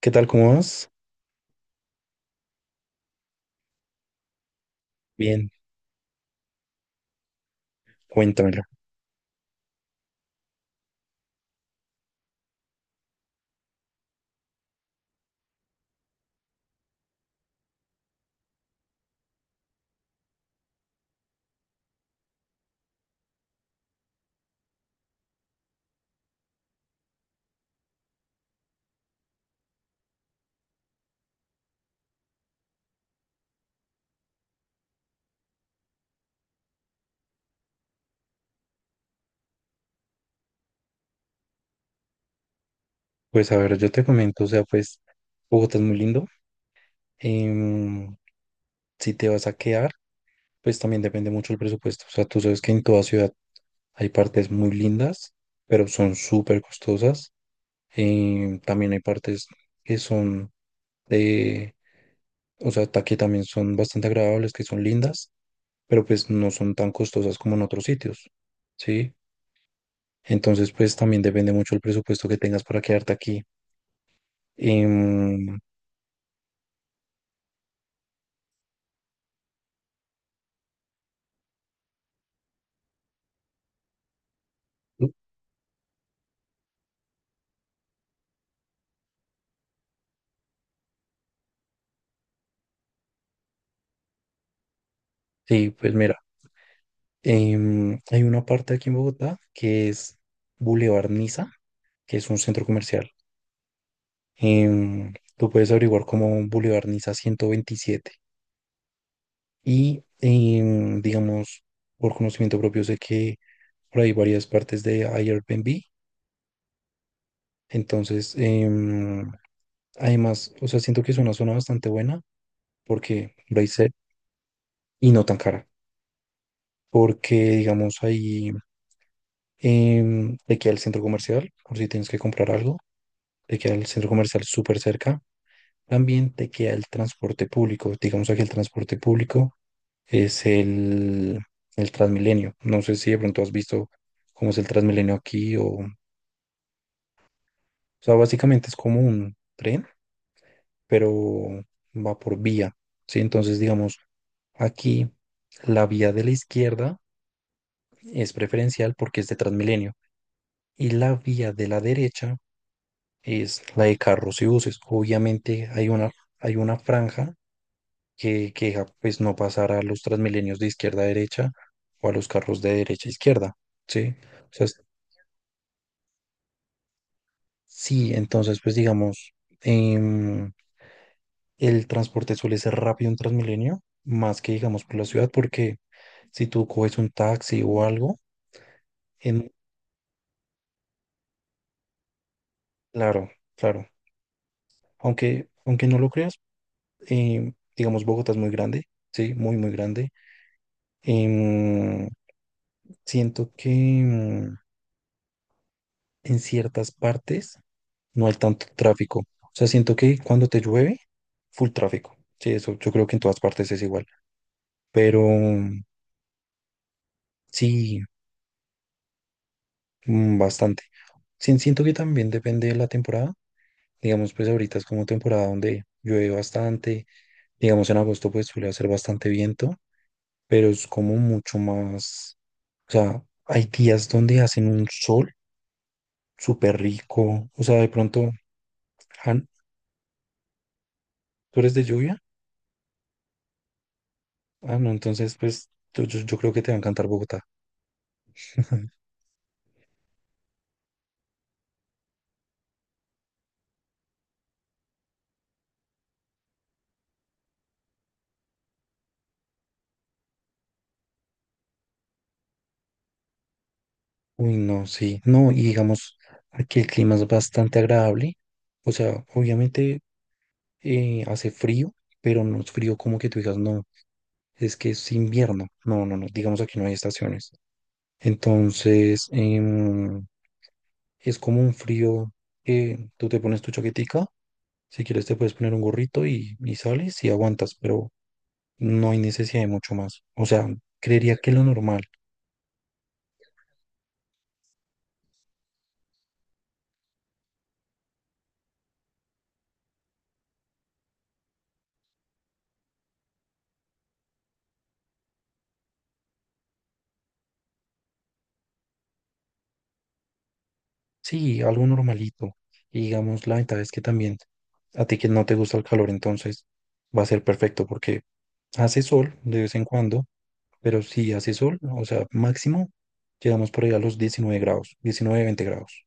¿Qué tal? ¿Cómo vas? Bien, cuéntamelo. Pues a ver, yo te comento, o sea, pues Bogotá es muy lindo. em, si te vas a quedar, pues también depende mucho el presupuesto. O sea, tú sabes que en toda ciudad hay partes muy lindas, pero son súper costosas. También hay partes que son de, o sea, que también son bastante agradables, que son lindas, pero pues no son tan costosas como en otros sitios, ¿sí? Entonces, pues también depende mucho el presupuesto que tengas para quedarte aquí. Em, Sí, pues mira, hay una parte aquí en Bogotá que es Boulevard Niza, que es un centro comercial. Tú puedes averiguar como Boulevard Niza ciento veintisiete. Y digamos, por conocimiento propio sé que por ahí varias partes de Airbnb. Entonces, además, o sea, siento que es una zona bastante buena porque lo hice y no tan cara. Porque, digamos, ahí te queda el centro comercial por si tienes que comprar algo, te queda el centro comercial súper cerca. También te queda el transporte público. Digamos aquí el transporte público es el Transmilenio. No sé si de pronto has visto cómo es el Transmilenio aquí o... O sea, básicamente es como un tren, pero va por vía, ¿sí? Entonces, digamos, aquí la vía de la izquierda es preferencial porque es de Transmilenio, y la vía de la derecha es la de carros y buses. Obviamente hay una franja que pues no pasara a los transmilenios de izquierda a derecha o a los carros de derecha a izquierda, ¿sí? O sea, es- sí, entonces pues digamos, em, el transporte suele ser rápido en Transmilenio, más que digamos por la ciudad, porque si tú coges un taxi o algo, en, claro, claro, aunque, aunque no lo creas, digamos Bogotá es muy grande, sí, muy, muy grande. em, Siento que en ciertas partes no hay tanto tráfico. O sea, siento que cuando te llueve, full tráfico. Sí, eso yo creo que en todas partes es igual. Pero mm, sí, bastante. Sí, siento que también depende de la temporada. Digamos, pues ahorita es como temporada donde llueve bastante. Digamos, en agosto pues suele hacer bastante viento, pero es como mucho más... O sea, hay días donde hacen un sol súper rico. O sea, de pronto, Han, ¿tú eres de lluvia? Ah, no, entonces pues yo creo que te va a encantar Bogotá. Ujú. Uy, no, sí, no, y digamos, aquí el clima es bastante agradable, o sea, obviamente hace frío, pero no es frío como que tú digas, no, es que es invierno, no, no, no, digamos aquí no hay estaciones, entonces es como un frío que tú te pones tu chaquetica, si quieres te puedes poner un gorrito y sales y aguantas, pero no hay necesidad de mucho más, o sea, creería que lo normal. Sí, algo normalito. Y digamos, la ventaja es que también a ti que no te gusta el calor, entonces va a ser perfecto porque hace sol de vez en cuando, pero si hace sol, o sea, máximo llegamos por ahí a los 19 grados, diecinueve veinte grados.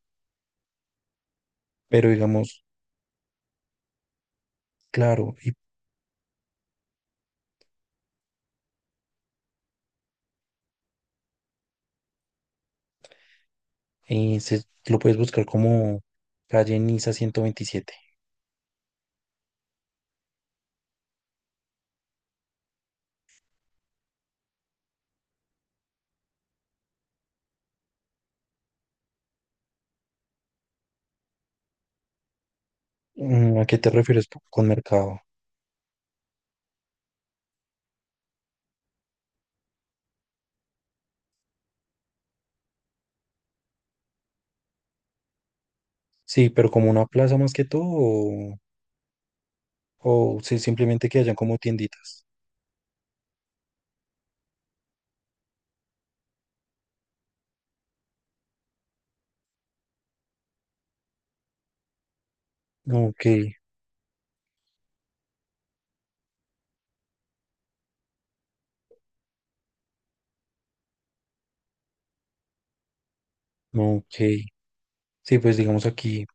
Pero digamos, claro, y se, lo puedes buscar como calle Niza 127. Mm, ¿a qué te refieres tú con mercado? Sí, pero como una plaza más que todo, o si simplemente que hayan como tienditas. Ok, ok. Sí, pues digamos aquí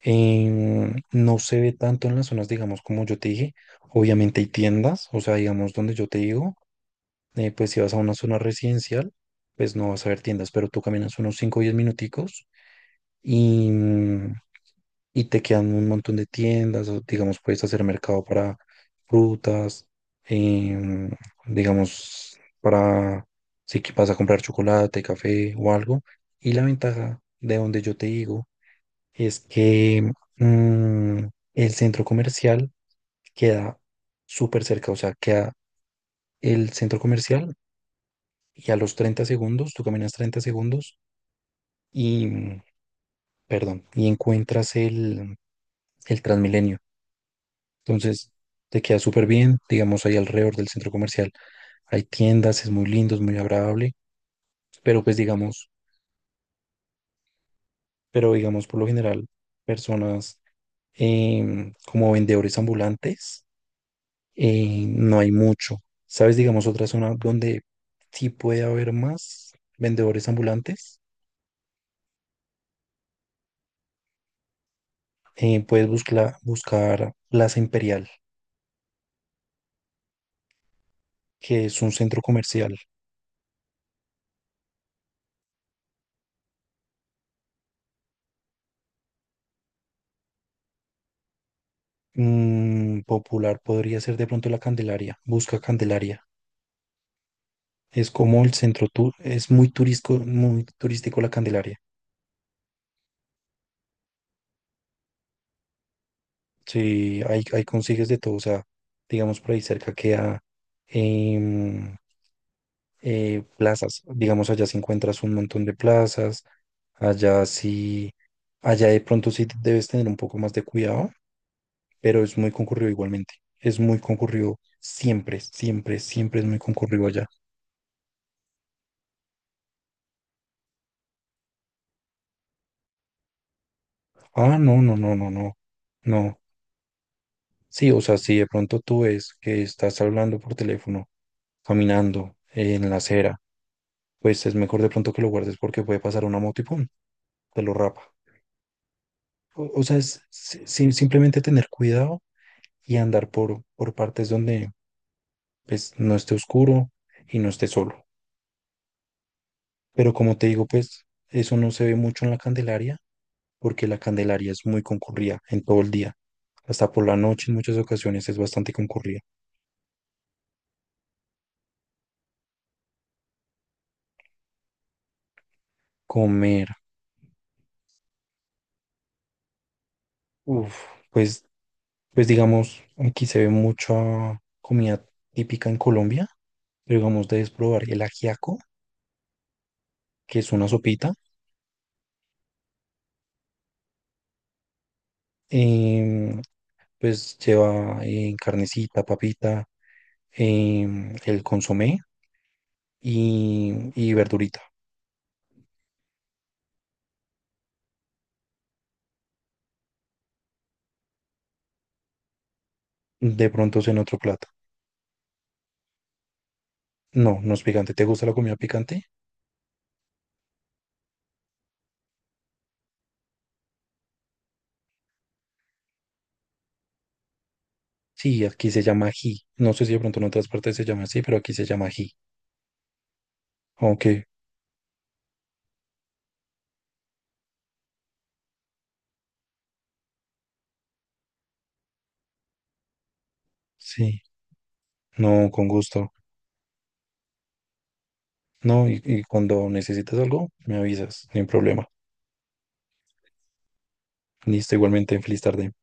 no se ve tanto en las zonas, digamos, como yo te dije. Obviamente hay tiendas, o sea, digamos, donde yo te digo, pues si vas a una zona residencial, pues no vas a ver tiendas, pero tú caminas unos 5 o 10 minuticos y, y te quedan un montón de tiendas, o, digamos, puedes hacer mercado para frutas, em, digamos, para si que vas a comprar chocolate, café o algo. Y la ventaja de donde yo te digo es que mm, el centro comercial queda súper cerca, o sea, queda el centro comercial y a los 30 segundos, tú caminas 30 segundos y, perdón, y encuentras el Transmilenio. Entonces, te queda súper bien, digamos, ahí alrededor del centro comercial hay tiendas, es muy lindo, es muy agradable, pero pues digamos, pero digamos, por lo general, personas como vendedores ambulantes, no hay mucho. ¿Sabes? Digamos, otra zona donde sí puede haber más vendedores ambulantes. Eh, puedes buscar Plaza Imperial, que es un centro comercial. Mm, popular podría ser de pronto la Candelaria. Busca Candelaria. Es como el centro tour, es muy turístico la Candelaria. Sí, ahí, ahí consigues de todo. O sea, digamos por ahí cerca queda em, plazas. Digamos, allá si encuentras un montón de plazas, allá sí, allá de pronto sí debes tener un poco más de cuidado, pero es muy concurrido igualmente. Es muy concurrido siempre, siempre, siempre es muy concurrido allá. Ah, no, no, no, no, no, no. Sí, o sea, si de pronto tú ves que estás hablando por teléfono, caminando en la acera, pues es mejor de pronto que lo guardes porque puede pasar una moto y pum, te lo rapa. O sea, es simplemente tener cuidado y andar por partes donde pues no esté oscuro y no esté solo. Pero como te digo, pues eso no se ve mucho en la Candelaria porque la Candelaria es muy concurrida en todo el día. Hasta por la noche en muchas ocasiones es bastante concurrida. Comer, uff, pues, pues digamos, aquí se ve mucha comida típica en Colombia. Pero digamos, debes probar el ajiaco, que es una sopita. em, pues lleva carnecita, papita, el consomé y verdurita. De pronto es en otro plato. No, no es picante. ¿Te gusta la comida picante? Sí, aquí se llama ají. No sé si de pronto en otras partes se llama así, pero aquí se llama ají. Aunque sí, no, con gusto. No, y cuando necesitas algo, me avisas, sin problema. Listo, igualmente, feliz tarde.